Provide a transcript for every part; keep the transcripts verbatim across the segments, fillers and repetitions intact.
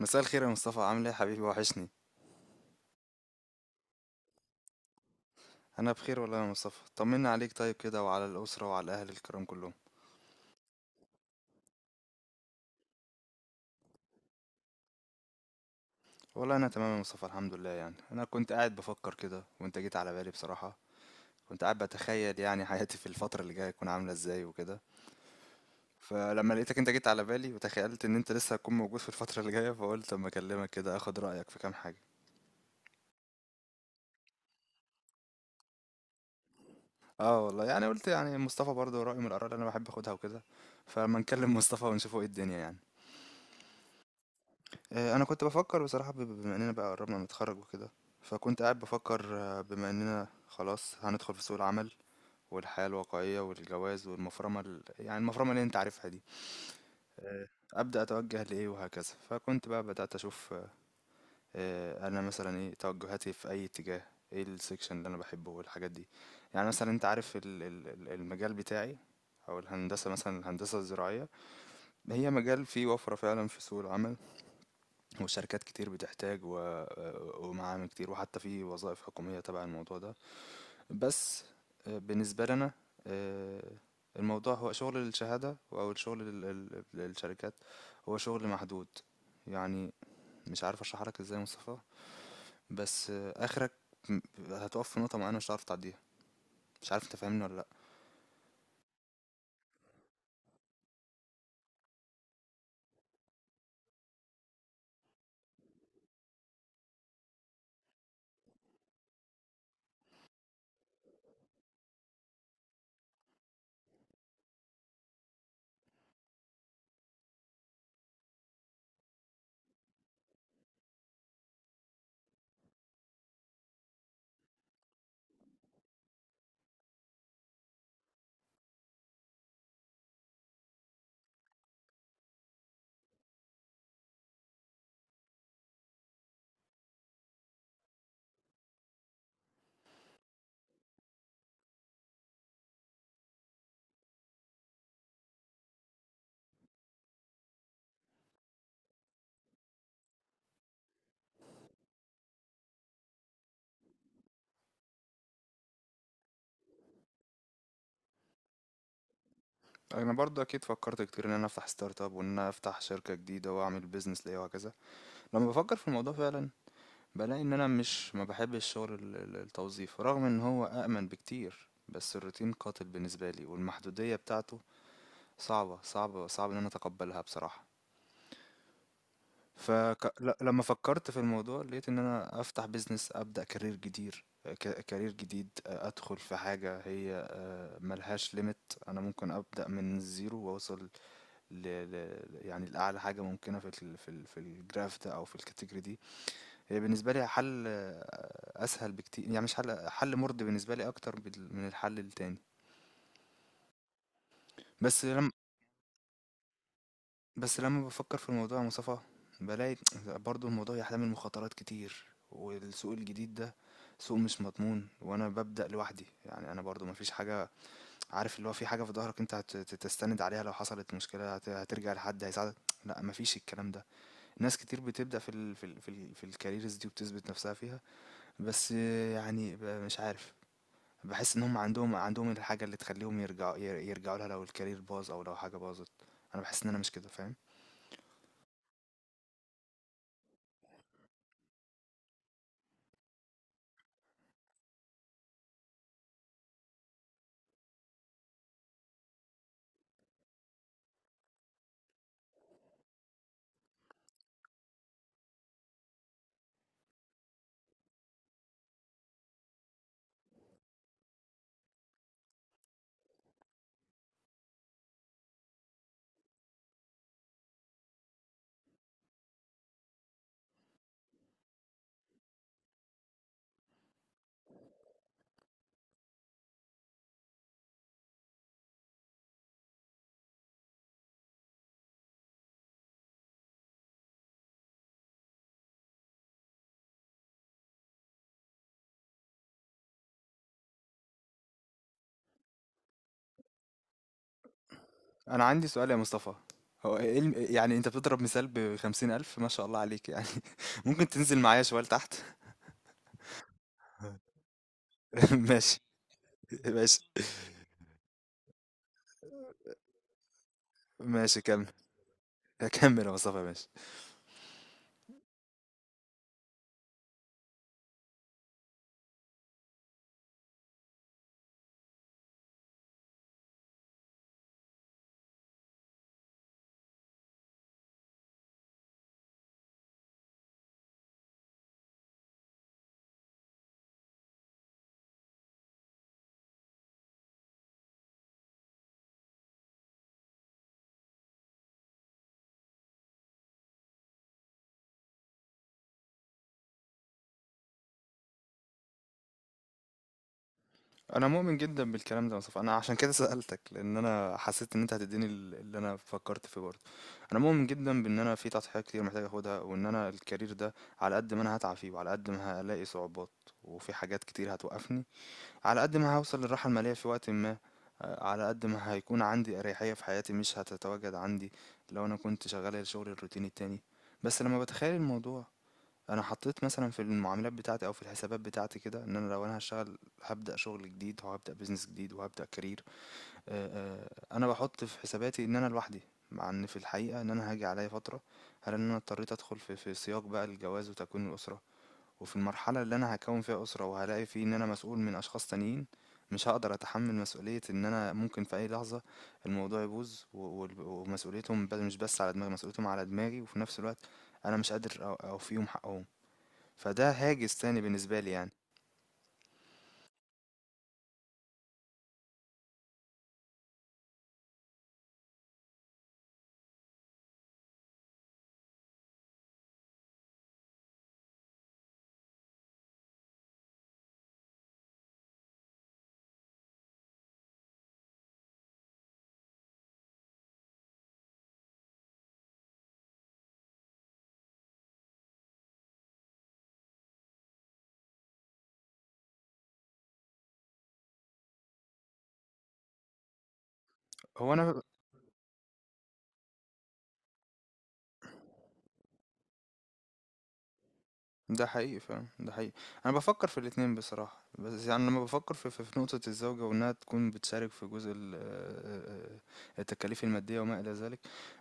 مساء الخير يا مصطفى، عامل ايه يا حبيبي؟ وحشني. انا بخير والله يا مصطفى، طمنا عليك طيب كده وعلى الاسره وعلى الاهل الكرام كلهم. والله انا تمام يا مصطفى، الحمد لله. يعني انا كنت قاعد بفكر كده وانت جيت على بالي بصراحه. كنت قاعد بتخيل يعني حياتي في الفتره اللي جايه تكون عامله ازاي وكده. فلما لقيتك انت جيت على بالي، وتخيلت ان انت لسه هتكون موجود في الفتره اللي جايه، فقلت اما اكلمك كده اخد رايك في كام حاجه. اه والله، يعني قلت يعني مصطفى برضه رايه من الاراء اللي انا بحب اخدها وكده، فلما نكلم مصطفى ونشوفه ايه الدنيا يعني. آه، انا كنت بفكر بصراحه، ب- بما اننا بقى قربنا نتخرج وكده. فكنت قاعد بفكر، آه، بما اننا خلاص هندخل في سوق العمل والحياه الواقعيه والجواز والمفرمه ال... يعني المفرمه اللي انت عارفها دي. آه، ابدا اتوجه لايه وهكذا. فكنت بقى بدات اشوف، آه، آه، انا مثلا ايه توجهاتي في اي اتجاه، ايه السكشن اللي انا بحبه والحاجات دي. يعني مثلا انت عارف ال- ال- ال- المجال بتاعي، او الهندسه مثلا، الهندسه الزراعيه. هي مجال فيه وفره فعلا في سوق العمل، وشركات كتير بتحتاج و... ومعامل كتير، وحتى في وظائف حكومية تبع الموضوع ده. بس آه، بالنسبة لنا، آه، الموضوع هو شغل الشهادة أو الشغل لل- لل- للشركات، هو شغل محدود. يعني مش عارف أشرح لك إزاي يا مصطفى، بس آه، آخرك م- هتقف في نقطة معينة مش هتعرف تعديها. مش عارف أنت فاهمني ولا لأ؟ أنا برضه أكيد فكرت كتير إن أنا أفتح ستارت أب، وإن أنا أفتح شركة جديدة وأعمل بيزنس ليا وهكذا. لما بفكر في الموضوع فعلا بلاقي ان انا مش ما بحبش شغل ال- ال- التوظيف، رغم ان هو أأمن بكتير، بس الروتين قاتل بالنسبة لي والمحدودية بتاعته صعبة صعبة، صعب ان انا اتقبلها بصراحة. فلما فكرت في الموضوع لقيت ان انا افتح بيزنس، ابدأ كارير جديد، ك- كارير جديد. آه، ادخل في حاجة هي آه، ملهاش ليميت، انا ممكن ابدأ من الزيرو واوصل ل... ل... يعني لأعلى حاجة ممكنة في ال... في ال... في الجراف ده، او في الكاتيجوري دي. هي بالنسبة لي حل آه، أسهل بكتير، يعني مش حل، حل مرضي بالنسبة لي أكتر بال- من الحل التاني. بس لما بس لما بفكر في الموضوع يا مصطفى، بلاقي برضو الموضوع يحتمل مخاطرات كتير، والسوق الجديد ده سوق مش مضمون، وأنا ببدأ لوحدي. يعني أنا برضو مفيش حاجة، عارف اللي هو في حاجة في ظهرك أنت هت- تستند عليها لو حصلت مشكلة هت- هترجع لحد هيساعدك. لا، مفيش الكلام ده. ناس كتير بتبدأ في ال في ال في, ال في الكاريرز دي وبتثبت نفسها فيها. بس آه، يعني ب- مش عارف، بحس ان هم عندهم عندهم الحاجه اللي تخليهم يرجعوا، ير- يرجعوا لها لو الكارير باظ او لو حاجه باظت. انا بحس ان انا مش كده، فاهم؟ انا عندي سؤال يا مصطفى، هو ايه الم... يعني انت بتضرب مثال بخمسين الف، ما شاء الله عليك يعني ممكن تنزل معايا شويه لتحت؟ ماشي. ماشي، ماشي، كمل. كمل يا مصطفى، ماشي. انا مؤمن جدا بالكلام ده يا مصطفى، انا عشان كده سألتك، لان انا حسيت ان انت هتديني ال- اللي انا فكرت فيه برضه. انا مؤمن جدا بان انا في تضحيات كتير محتاج اخدها، وان انا الكارير ده على قد ما انا هتعب فيه وعلى قد ما هلاقي صعوبات وفي حاجات كتير هتوقفني، على قد ما هوصل للراحة المالية في وقت ما. آه، على قد ما هيكون عندي اريحية في حياتي مش هتتواجد عندي لو انا كنت شغال الشغل الروتيني التاني. بس لما بتخيل الموضوع، انا حطيت مثلا في المعاملات بتاعتي او في الحسابات بتاعتي كده ان انا، لو انا هشتغل هبدأ شغل جديد وهبدأ بيزنس جديد وهبدأ كارير، آآ، آآ، أنا باحُط في حساباتي إن أنا لوحدي، مع إن في الحقيقة إن أنا هاجي عليَّ فترة هالاقي إن أنا اضطريت أدخل في في سياق بقى الجواز وتكوين الأسرة، وفي المرحلة اللي أنا هاكوّن فيها أسرة وهالاقي في إن أنا مسؤول من أشخاص تانيين، مش هاقدر أتحمّل مسؤولية إن أنا ممكن في أي لحظة الموضوع يبوظ و والب ومسؤوليتهم ب مش بس على دماغي، مسؤوليتهم على دماغي، وفي نفس الوقت أنا مش قادر أ أوفيهم حقهم، فده هاجس تاني بالنسبة لي يعني. هو أنا، ده حقيقي فعلًا، ده حقيقي. أنا بافكّر في الاتنين بصراحة، بس يعني لمّا بافكّر في في في نقطة الزوجة وإنها تكون بتشارك في جزء ال آآ التكاليف المادية وما إلى ذلك،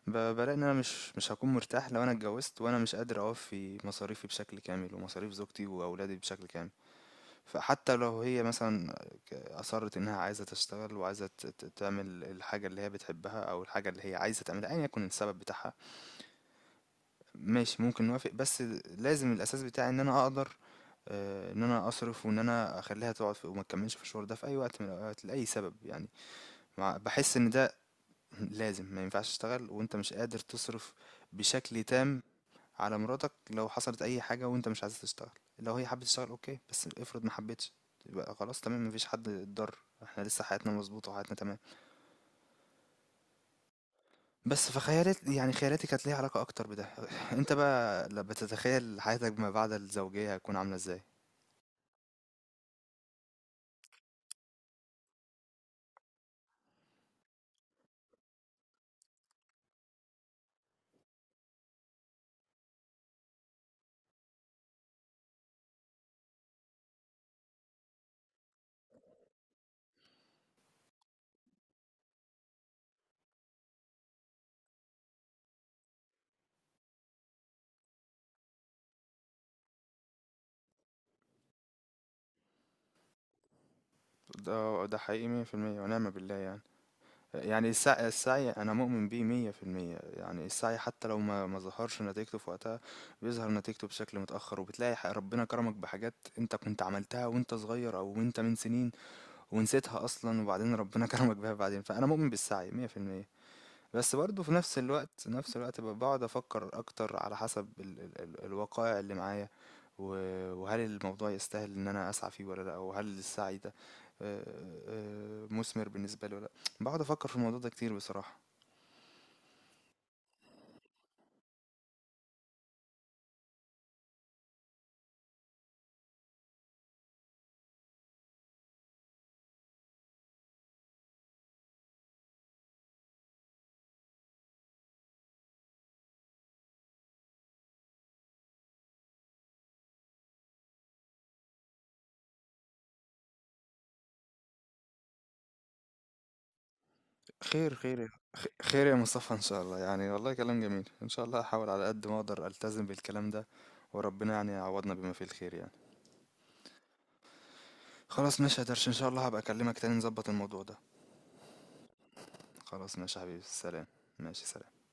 ب بالاقي إن أنا مش مش هاكون مرتاح لو أنا اتجوّزت وأنا مش قادر أوفّي مصاريفي بشكل كامل ومصاريف زوجتي وأولادي بشكل كامل. فحتى لو هي مثلًا ك أصرّت إنها عايزة تشتغل وعايزة ت ت تعمل الحاجة اللي هي بتحبها أو الحاجة اللي هي عايزة تعملها أيًا يكن السبب بتاعها، ماشي، ممكن نوافق. بس لازم الأساس بتاعي إن أنا أقدر، آه، إن أنا أصرف وإن أنا أخليها تقعد في- وما تكملش في الشغل ده في أي وقت من الأوقات لأي سبب يعني. مع- بحس إن ده لازم، ما ينفعش تشتغل وأنت مش قادر تصرف بشكل تام على مراتك. لو حصلت أي حاجة وأنت مش عايز تشتغل، لو هي حابة تشتغل أوكي، بس افرض ما حبتش، يبقى خلاص تمام، مفيش حد اتضر، احنا لسه حياتنا مظبوطة وحياتنا تمام. بس فخيالات، يعني خيالاتي كانت ليها علاقة أكتر بده. أنت بقى لما بتتخيل حياتك ما بعد الزوجية هتكون عاملة إزاي؟ ده ده حقيقي مية في المية ونعم بالله يعني. يعني السعي، السعي أنا مؤمن بيه مية في المية، يعني السعي حتى لو ما ما ظهرش نتيجته في وقتها بيظهر نتيجته بشكل متأخر، وبتلاقي ح- ربنا كرمك بحاجات أنت كنت عملتها وأنت صغير أو وأنت من سنين ونسيتها أصلا، وبعدين ربنا كرمك بيها بعدين. فأنا مؤمن بالسعي مية في المية. بس برضه في نفس الوقت، نفس الوقت ب- بقعد افكر اكتر على حسب ال ال ال الوقائع اللي معايا، و- وهل الموضوع يستاهل ان انا اسعى فيه ولا لا، وهل السعي ده آه، آه، مثمر بالنسبه لي ولا لا. بقعد افكر في الموضوع ده كتير بصراحه. خير خير يا- خ- خير يا مصطفى ان شاء الله، يعني والله كلام جميل، ان شاء الله هحاول على قد ما اقدر التزم بالكلام ده، وربنا يعني يعوضنا بما فيه الخير يعني. خلاص ماشي يا درش، ان شاء الله هبقى اكلمك تاني نظبط الموضوع ده. خلاص ماشي يا حبيبي، سلام. ماشي سلام.